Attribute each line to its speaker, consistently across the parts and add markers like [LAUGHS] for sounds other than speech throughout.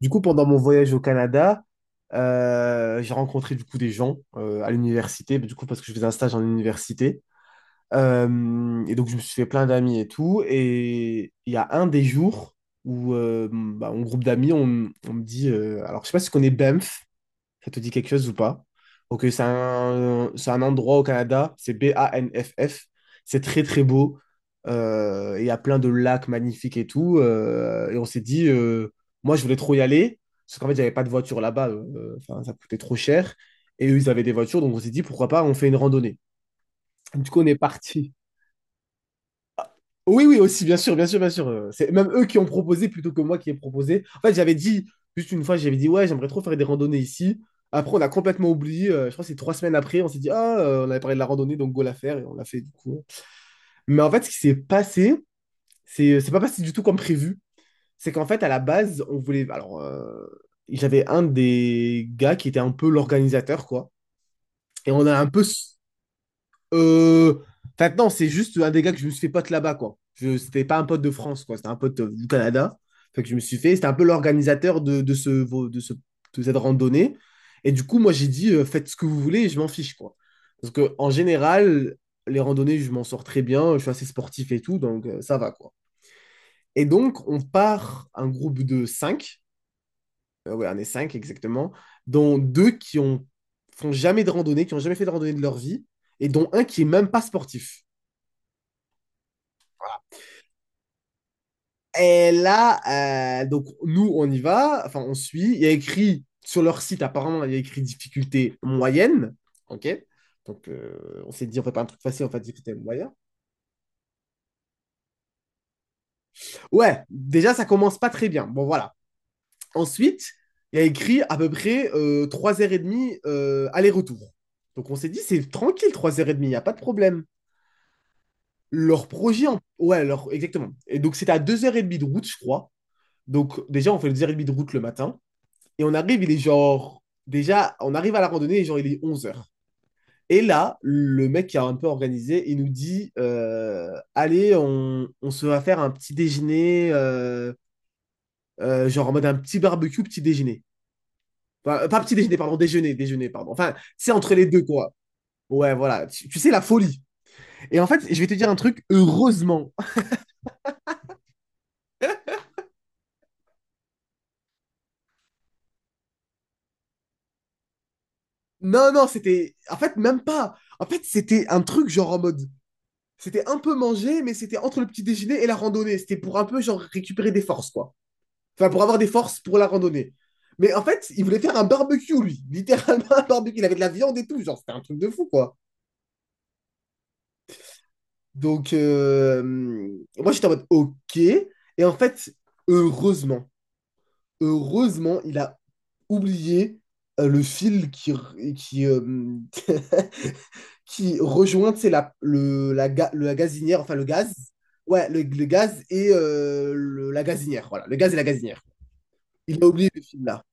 Speaker 1: Du coup, pendant mon voyage au Canada, j'ai rencontré du coup des gens à l'université, du coup parce que je faisais un stage en université. Et donc je me suis fait plein d'amis et tout. Et il y a un des jours où bah, mon groupe d'amis, on me dit, alors je sais pas si tu connais Banff, ça te dit quelque chose ou pas? Ok, c'est un endroit au Canada, c'est Banff. C'est très très beau. Il y a plein de lacs magnifiques et tout. Et on s'est dit, moi je voulais trop y aller, parce qu'en fait j'avais pas de voiture là-bas, enfin, ça coûtait trop cher. Et eux ils avaient des voitures, donc on s'est dit pourquoi pas on fait une randonnée. Du coup on est parti. Oui, oui, aussi, bien sûr, bien sûr, bien sûr. C'est même eux qui ont proposé plutôt que moi qui ai proposé. En fait, j'avais dit, juste une fois, j'avais dit, ouais, j'aimerais trop faire des randonnées ici. Après, on a complètement oublié. Je crois que c'est 3 semaines après, on s'est dit, ah, on avait parlé de la randonnée, donc go la faire, et on l'a fait du coup. Mais en fait, ce qui s'est passé, c'est pas passé du tout comme prévu. C'est qu'en fait, à la base, on voulait. Alors, j'avais un des gars qui était un peu l'organisateur, quoi. Et on a un peu. Euh, enfin, non, c'est juste un des gars que je me suis fait pote là-bas, quoi. C'était pas un pote de France, quoi. C'était un pote du Canada. Fait que je me suis fait. C'était un peu l'organisateur de, ce, de cette randonnée. Et du coup, moi, j'ai dit, faites ce que vous voulez, je m'en fiche, quoi. Parce que, en général, les randonnées, je m'en sors très bien. Je suis assez sportif et tout, donc ça va, quoi. Et donc, on part un groupe de 5. Ouais, on est 5 exactement. Dont deux font jamais de randonnée, qui ont jamais fait de randonnée de leur vie. Et dont un qui est même pas sportif. Et là, donc nous, on y va, enfin, on suit. Il y a écrit sur leur site, apparemment, il y a écrit difficulté moyenne. OK? Donc, on s'est dit, on fait pas un truc facile, on fait difficulté moyenne. Ouais, déjà, ça commence pas très bien. Bon, voilà. Ensuite, il y a écrit à peu près 3h30 aller-retour. Donc, on s'est dit, c'est tranquille, 3h30, il n'y a pas de problème. Leur projet, ouais, leur, exactement. Et donc, c'était à 2h30 de route, je crois. Donc, déjà, on fait 2h30 de route le matin. Et on arrive, il est genre. Déjà, on arrive à la randonnée, et genre, il est 11h. Et là, le mec qui a un peu organisé, il nous dit allez, on se va faire un petit déjeuner, genre en mode un petit barbecue, petit déjeuner. Enfin, pas petit déjeuner, pardon, déjeuner, déjeuner, pardon. Enfin, c'est entre les deux, quoi. Ouais, voilà. Tu sais, la folie. Et en fait, je vais te dire un truc, heureusement. [LAUGHS] Non, non, c'était. En fait, même pas. En fait, c'était un truc genre en mode. C'était un peu manger, mais c'était entre le petit déjeuner et la randonnée. C'était pour un peu genre récupérer des forces, quoi. Enfin, pour avoir des forces pour la randonnée. Mais en fait, il voulait faire un barbecue, lui. [LAUGHS] Littéralement un barbecue. Il avait de la viande et tout. Genre, c'était un truc de fou, quoi. Donc, moi, j'étais en mode OK. Et en fait, heureusement, heureusement, il a oublié le fil qui, qui, euh, [LAUGHS] qui rejoint, c'est la gazinière, enfin le gaz. Ouais, le gaz et la gazinière. Voilà, le gaz et la gazinière. Il a oublié le film là.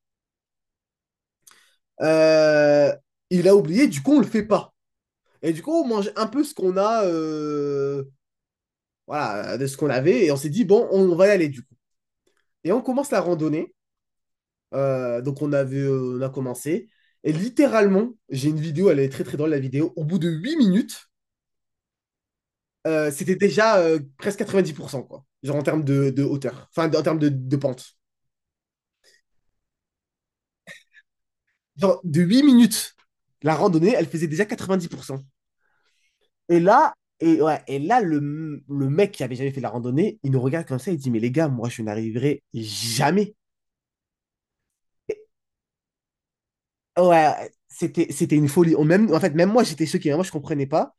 Speaker 1: Euh, il a oublié, du coup, on le fait pas. Et du coup, on mange un peu ce qu'on a, voilà, de ce qu'on avait. Et on s'est dit, bon, va y aller du coup. Et on commence la randonnée. Donc, on a commencé. Et littéralement, j'ai une vidéo, elle est très très drôle la vidéo. Au bout de 8 minutes, c'était déjà presque 90%, quoi. Genre en termes de hauteur, enfin en termes de pente. Genre de 8 minutes, la randonnée, elle faisait déjà 90%. Et là, et ouais, et là le mec qui avait jamais fait la randonnée, il nous regarde comme ça, il dit, mais les gars, moi, je n'arriverai jamais. Et- ouais, c'était une folie. Même, en fait, même moi, j'étais choqué, hein, moi, je comprenais pas.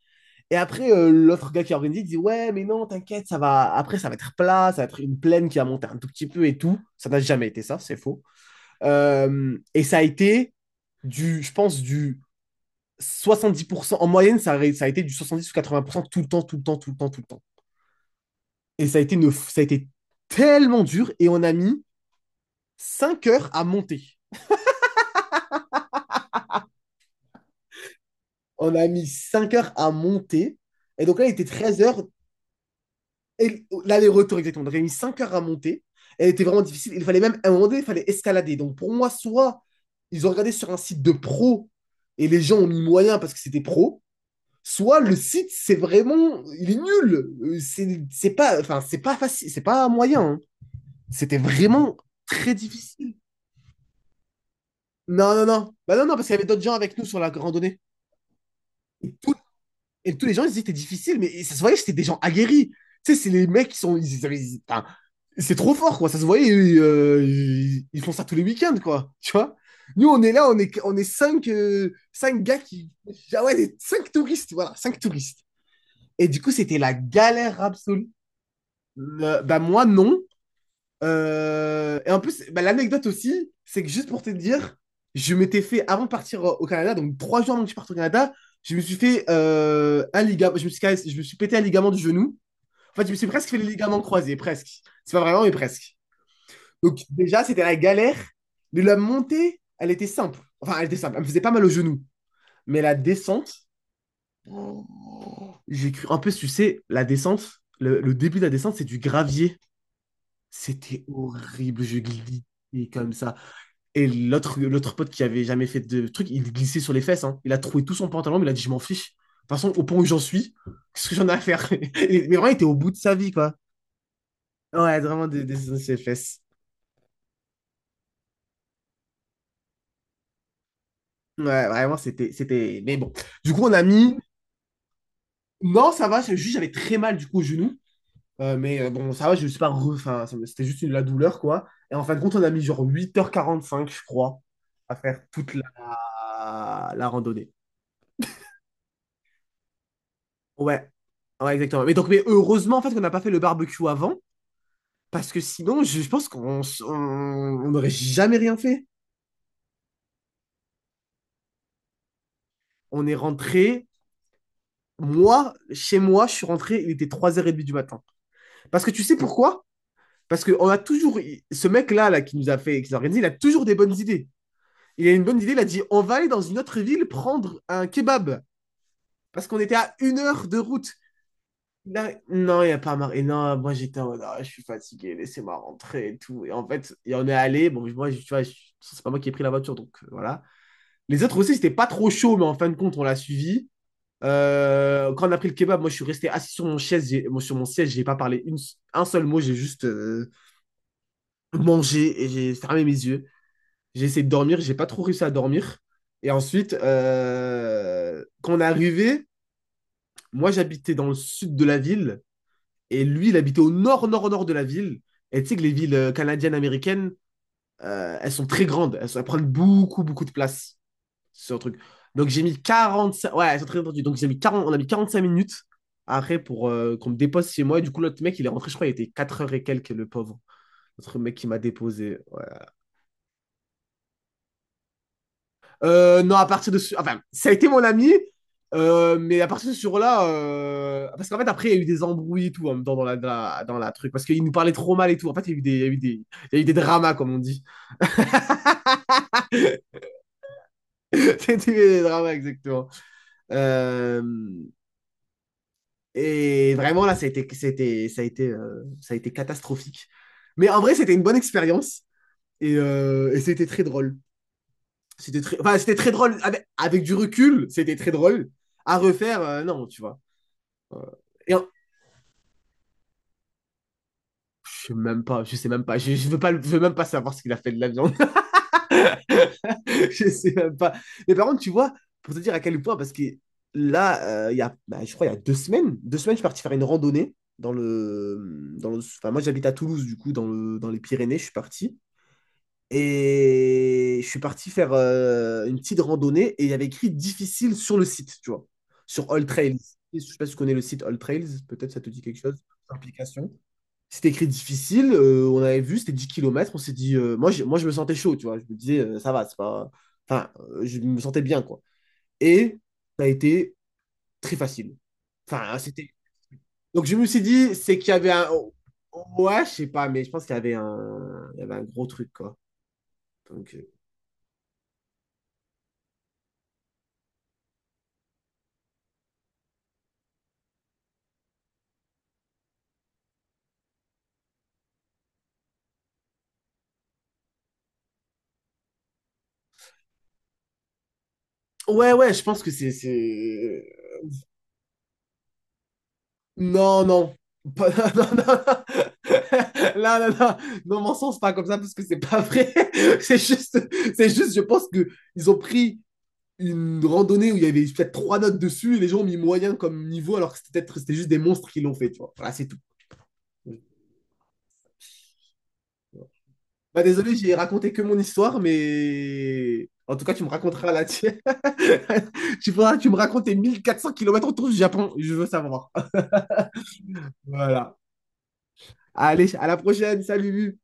Speaker 1: Et après, l'autre gars qui a organisé, il dit, ouais, mais non, t'inquiète, ça va, après, ça va être plat, ça va être une plaine qui va monter un tout petit peu et tout. Ça n'a jamais été ça, c'est faux. Et ça a été du, je pense, du 70%. En moyenne, ça a été du 70 ou 80% tout le temps, tout le temps, tout le temps, tout le temps. Et ça a été tellement dur et on a mis 5 heures à monter. On a mis 5 heures à monter. Et donc là, il était 13h. Et l'aller-retour, exactement. Donc, il a mis 5 heures à monter. Elle était vraiment difficile. Il fallait même, à un moment donné, il fallait escalader. Donc pour moi, soit ils ont regardé sur un site de pro et les gens ont mis moyen parce que c'était pro, soit le site, c'est vraiment, il est nul. C'est pas, enfin, c'est pas facile, c'est pas moyen, hein. C'était vraiment très difficile. Non, non, non. Bah non, non, parce qu'il y avait d'autres gens avec nous sur la randonnée. Et, tout- et tous les gens, ils disaient que c'était difficile, mais ça se voyait que c'était des gens aguerris. Tu sais, c'est les mecs qui sont, enfin, c'est trop fort, quoi. Ça se voyait, ils font ça tous les week-ends, quoi. Tu vois? Nous, on est là, on est cinq, cinq gars qui. Ah ouais, cinq touristes, voilà, cinq touristes. Et du coup, c'était la galère absolue. Bah moi non. Et en plus, bah, l'anecdote aussi, c'est que juste pour te dire, je m'étais fait, avant de partir au Canada, donc 3 jours avant que je parte au Canada, je me suis fait un ligament, je me suis pété un ligament du genou. En fait, je me suis presque fait les ligaments croisés, presque. C'est pas vraiment, mais presque. Donc déjà, c'était la galère, mais la montée, elle était simple. Enfin, elle était simple, elle me faisait pas mal au genou. Mais la descente, j'ai cru, en plus, tu sais, la descente, le début de la descente, c'est du gravier. C'était horrible, je glissais comme ça. Et l'autre pote qui avait jamais fait de truc, il glissait sur les fesses, hein. Il a troué tout son pantalon, mais il a dit, je m'en fiche. De toute façon, au point où j'en suis, [LAUGHS] qu'est-ce que j'en ai à faire? [LAUGHS] Mais vraiment, il était au bout de sa vie, quoi. Ouais, vraiment, des sur les fesses. Ouais, vraiment, c'était. Mais bon, du coup, on a mis. Non, ça va, c'est juste, j'avais très mal, du coup, au genou. Mais bon, ça va, je me suis pas, enfin, c'était juste la douleur, quoi. Et en fin de compte, on a mis genre 8h45 je crois, à faire toute la randonnée. Ouais, ouais, exactement. Mais donc, mais heureusement en fait qu'on n'a pas fait le barbecue avant, parce que sinon, je pense qu'on s- on n'aurait jamais rien fait. On est rentré, moi, chez moi, je suis rentré, il était 3h30 du matin. Parce que tu sais pourquoi? Parce que on a toujours, ce mec-là, là, qui nous a fait, qui nous a organisé, il a toujours des bonnes idées. Il a une bonne idée, il a dit, on va aller dans une autre ville prendre un kebab. Parce qu'on était à 1 heure de route. Là, non, il n'y a pas marre. Et non, moi j'étais en mode, ah, je suis fatigué, laissez-moi rentrer et tout. Et en fait, il y en est allé. Bon, moi, tu vois, c'est pas moi qui ai pris la voiture, donc voilà. Les autres aussi, c'était pas trop chaud, mais en fin de compte, on l'a suivi. Quand on a pris le kebab, moi je suis resté assis sur mon chaise, moi, sur mon siège, j'ai pas parlé un seul mot, j'ai juste mangé et j'ai fermé mes yeux. J'ai essayé de dormir, j'ai pas trop réussi à dormir. Et ensuite, quand on est arrivé, moi j'habitais dans le sud de la ville. Et lui, il habitait au nord-nord-nord de la ville. Et tu sais que les villes canadiennes, américaines, elles sont très grandes. Elles prennent beaucoup, beaucoup de place. C'est un truc. Donc j'ai mis 45. Ouais, elles sont très entendues. On a mis 45 minutes après pour qu'on me dépose chez moi. Et du coup, l'autre mec, il est rentré, je crois, il était 4 heures et quelques, le pauvre. L'autre mec qui m'a déposé. Non, à partir de ce... enfin, ça a été mon ami, mais à partir de ce jour-là, parce qu'en fait, après, il y a eu des embrouilles et tout en même temps dans la, dans la truc. Parce qu'il nous parlait trop mal et tout. En fait, il y a eu des dramas, comme on dit. [LAUGHS] C'était des dramas, exactement. Euh, Et vraiment, là, ça a été catastrophique. Mais en vrai, c'était une bonne expérience. Et c'était très drôle. C'était très, enfin, c'était très drôle. Avec du recul, c'était très drôle. À refaire, non, tu vois. Euh, et en- Je sais même pas, je sais même pas, je veux même pas savoir ce qu'il a fait de la viande. [LAUGHS] Je sais même pas. Mais par contre, tu vois, pour te dire à quel point, parce que là, il y a, bah, je crois, il y a deux semaines, je suis parti faire une randonnée enfin, moi j'habite à Toulouse, du coup, dans les Pyrénées, je suis parti. Et je suis parti faire une petite randonnée et il y avait écrit difficile sur le site, tu vois, sur All Trails. Je sais pas si tu connais le site All Trails, peut-être ça te dit quelque chose, application. C'était écrit difficile, on avait vu, c'était 10 kilomètres. On s'est dit, moi, moi je me sentais chaud, tu vois, je me disais, ça va, c'est pas... enfin, je me sentais bien, quoi. Et ça a été très facile. Enfin, c'était... Donc je me suis dit, c'est qu'il y avait un. Ouais, je sais pas, mais je pense qu'il y avait un. Il y avait un gros truc, quoi. Donc, ouais, ouais, je pense que non, non. [LAUGHS] Non, non, non. [LAUGHS] Là, là, là. Non, mon sens, c'est pas comme ça, parce que c'est pas vrai. [LAUGHS] C'est juste, je pense que ils ont pris une randonnée où il y avait peut-être trois notes dessus et les gens ont mis moyen comme niveau alors que c'était juste des monstres qui l'ont fait, tu vois. Voilà, c'est tout. Bah désolé, j'ai raconté que mon histoire, mais en tout cas, tu me raconteras la tienne. [LAUGHS] Tu faudras que tu me racontes tes 1 400 kilomètres autour du Japon, je veux savoir. Voilà. Allez, à la prochaine, salut.